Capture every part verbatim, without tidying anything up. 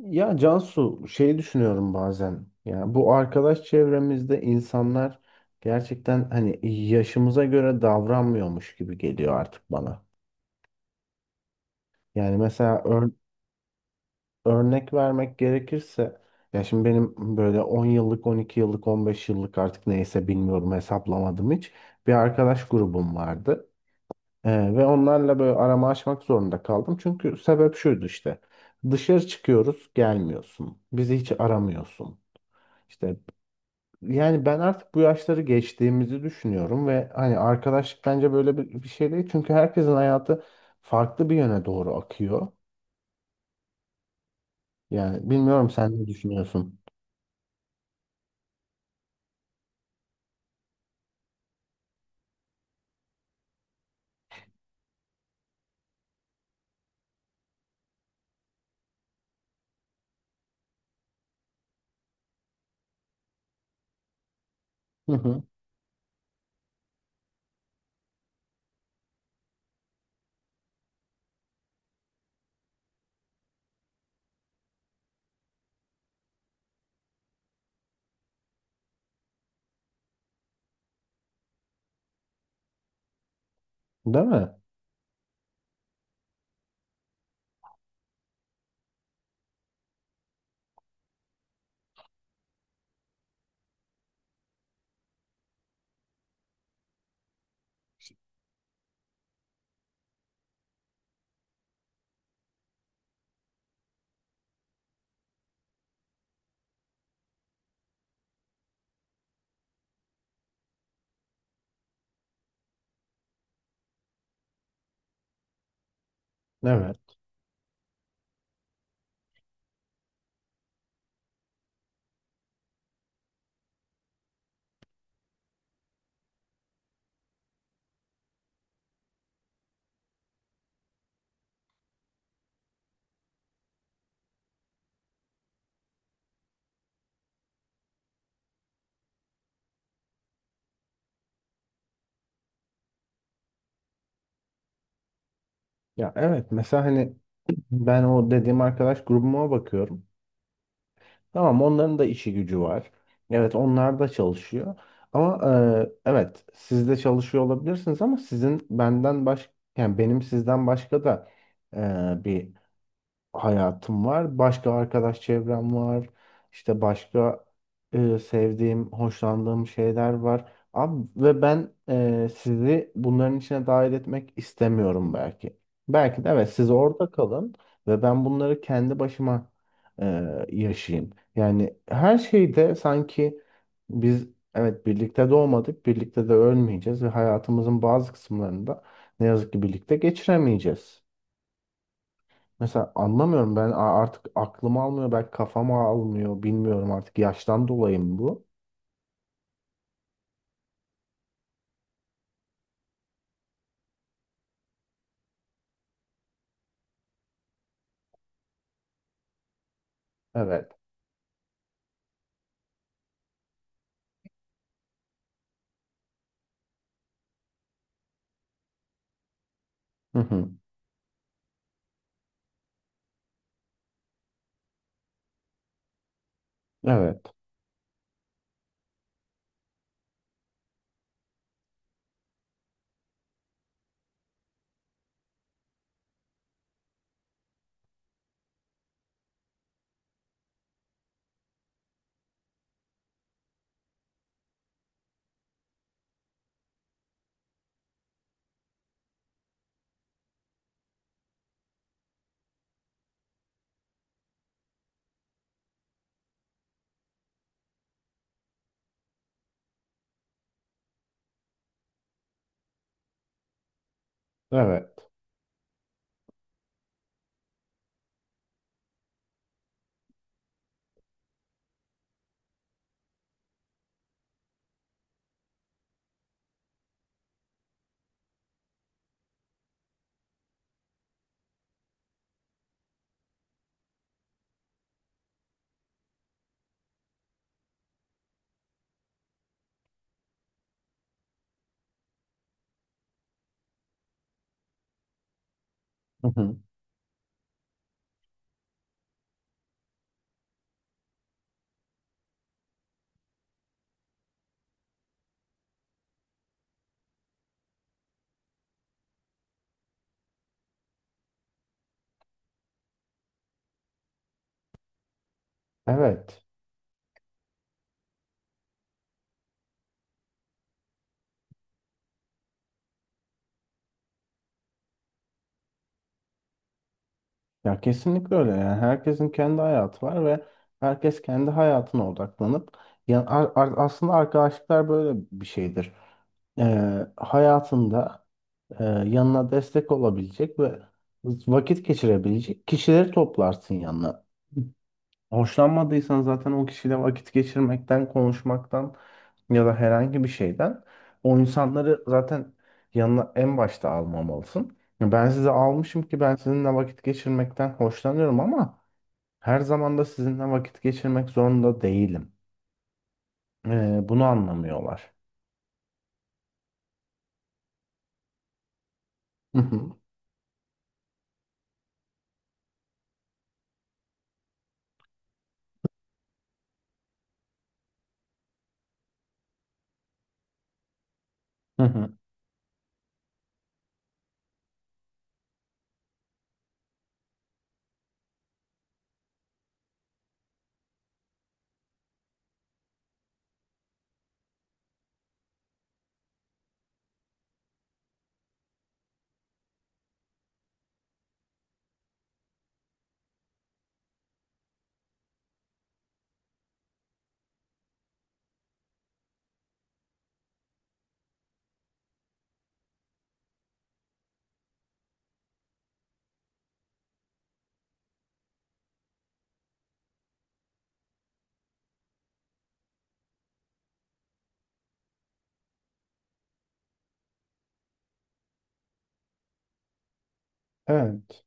Ya Cansu şey düşünüyorum bazen. Ya bu arkadaş çevremizde insanlar gerçekten hani yaşımıza göre davranmıyormuş gibi geliyor artık bana. Yani mesela ör- örnek vermek gerekirse ya şimdi benim böyle on yıllık, on iki yıllık, on beş yıllık artık neyse bilmiyorum hesaplamadım hiç. Bir arkadaş grubum vardı. Ee, ve onlarla böyle aramı açmak zorunda kaldım. Çünkü sebep şuydu işte. Dışarı çıkıyoruz, gelmiyorsun. Bizi hiç aramıyorsun. İşte. Yani ben artık bu yaşları geçtiğimizi düşünüyorum ve hani arkadaşlık bence böyle bir, bir şey değil. Çünkü herkesin hayatı farklı bir yöne doğru akıyor. Yani bilmiyorum sen ne düşünüyorsun? Hı hı. Değil mi? Evet. Ya evet mesela hani ben o dediğim arkadaş grubuma bakıyorum. Tamam onların da işi gücü var. Evet onlar da çalışıyor. Ama e, evet siz de çalışıyor olabilirsiniz ama sizin benden baş. Yani benim sizden başka da e, bir hayatım var. Başka arkadaş çevrem var. İşte başka e, sevdiğim, hoşlandığım şeyler var. Abi, ve ben e, sizi bunların içine dahil etmek istemiyorum belki. Belki de evet siz orada kalın ve ben bunları kendi başıma e, yaşayayım. Yani her şeyde sanki biz evet birlikte doğmadık, birlikte de ölmeyeceğiz ve hayatımızın bazı kısımlarında ne yazık ki birlikte geçiremeyeceğiz. Mesela anlamıyorum ben a- artık aklım almıyor belki kafam almıyor bilmiyorum artık yaştan dolayı mı bu? Evet. Hı hı. Evet. Evet. Hı hı. Evet. Ya kesinlikle öyle yani herkesin kendi hayatı var ve herkes kendi hayatına odaklanıp yani ar- ar- aslında arkadaşlıklar böyle bir şeydir. Ee, hayatında e, yanına destek olabilecek ve vakit geçirebilecek kişileri toplarsın yanına. Hoşlanmadıysan zaten o kişiyle vakit geçirmekten, konuşmaktan ya da herhangi bir şeyden o insanları zaten yanına en başta almamalısın. Ya ben sizi almışım ki ben sizinle vakit geçirmekten hoşlanıyorum ama her zaman da sizinle vakit geçirmek zorunda değilim. Ee, bunu anlamıyorlar. Hı hı. Hı hı. Evet.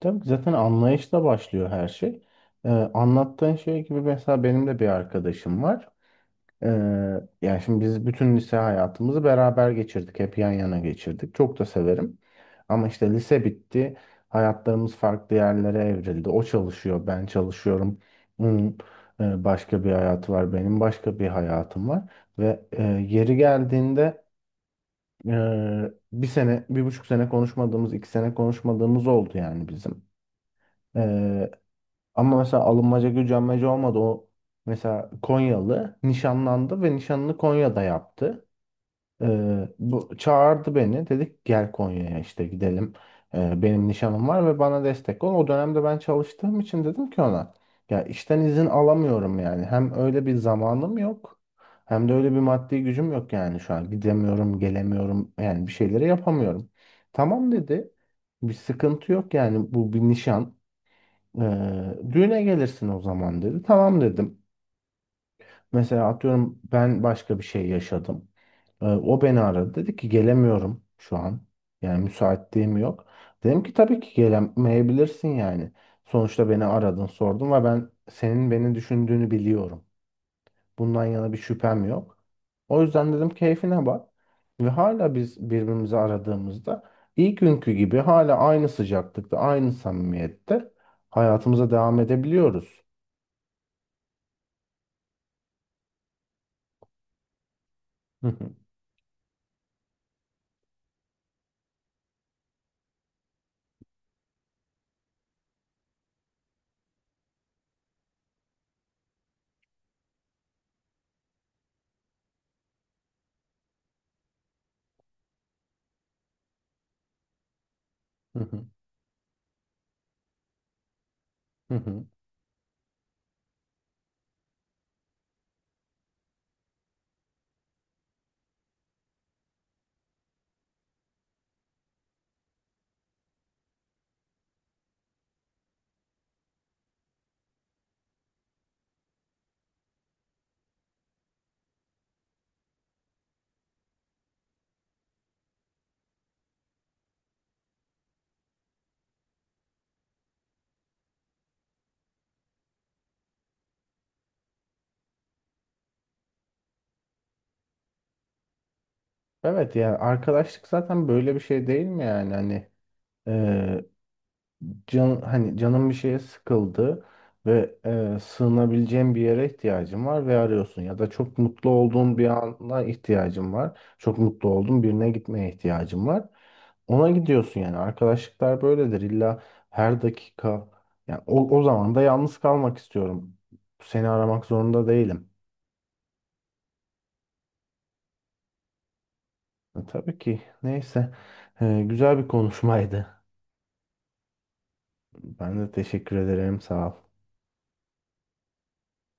Tabii ki zaten anlayışla başlıyor her şey. Ee, anlattığın şey gibi mesela benim de bir arkadaşım var. Ee, yani şimdi biz bütün lise hayatımızı beraber geçirdik. Hep yan yana geçirdik. Çok da severim. Ama işte lise bitti. Hayatlarımız farklı yerlere evrildi. O çalışıyor, ben çalışıyorum. Onun e, başka bir hayatı var, benim başka bir hayatım var. Ve e, yeri geldiğinde e, bir sene, bir buçuk sene konuşmadığımız, iki sene konuşmadığımız oldu yani bizim. E, ama mesela alınmaca gücenmece olmadı. O mesela Konyalı nişanlandı ve nişanını Konya'da yaptı. Ee, bu çağırdı beni. Dedik gel Konya'ya işte gidelim. Ee, benim nişanım var ve bana destek ol. O dönemde ben çalıştığım için dedim ki ona ya işten izin alamıyorum yani. Hem öyle bir zamanım yok. Hem de öyle bir maddi gücüm yok yani şu an. Gidemiyorum, gelemiyorum. Yani bir şeyleri yapamıyorum. Tamam dedi. Bir sıkıntı yok yani bu bir nişan. Ee, düğüne gelirsin o zaman dedi. Tamam dedim. Mesela atıyorum ben başka bir şey yaşadım. Ee, o beni aradı. Dedi ki gelemiyorum şu an. Yani müsaitliğim yok. Dedim ki tabii ki gelemeyebilirsin yani. Sonuçta beni aradın sordun ve ben senin beni düşündüğünü biliyorum. Bundan yana bir şüphem yok. O yüzden dedim keyfine bak. Ve hala biz birbirimizi aradığımızda ilk günkü gibi hala aynı sıcaklıkta, aynı samimiyette hayatımıza devam edebiliyoruz. Hı hı, hı hı, hı hı. Evet yani arkadaşlık zaten böyle bir şey değil mi yani hani e, can hani canım bir şeye sıkıldı ve e, sığınabileceğim bir yere ihtiyacım var ve arıyorsun ya da çok mutlu olduğum bir ana ihtiyacım var çok mutlu olduğum birine gitmeye ihtiyacım var ona gidiyorsun yani arkadaşlıklar böyledir illa her dakika yani o, o zaman da yalnız kalmak istiyorum seni aramak zorunda değilim. Tabii ki. Neyse. Ee, güzel bir konuşmaydı. Ben de teşekkür ederim. Sağ ol.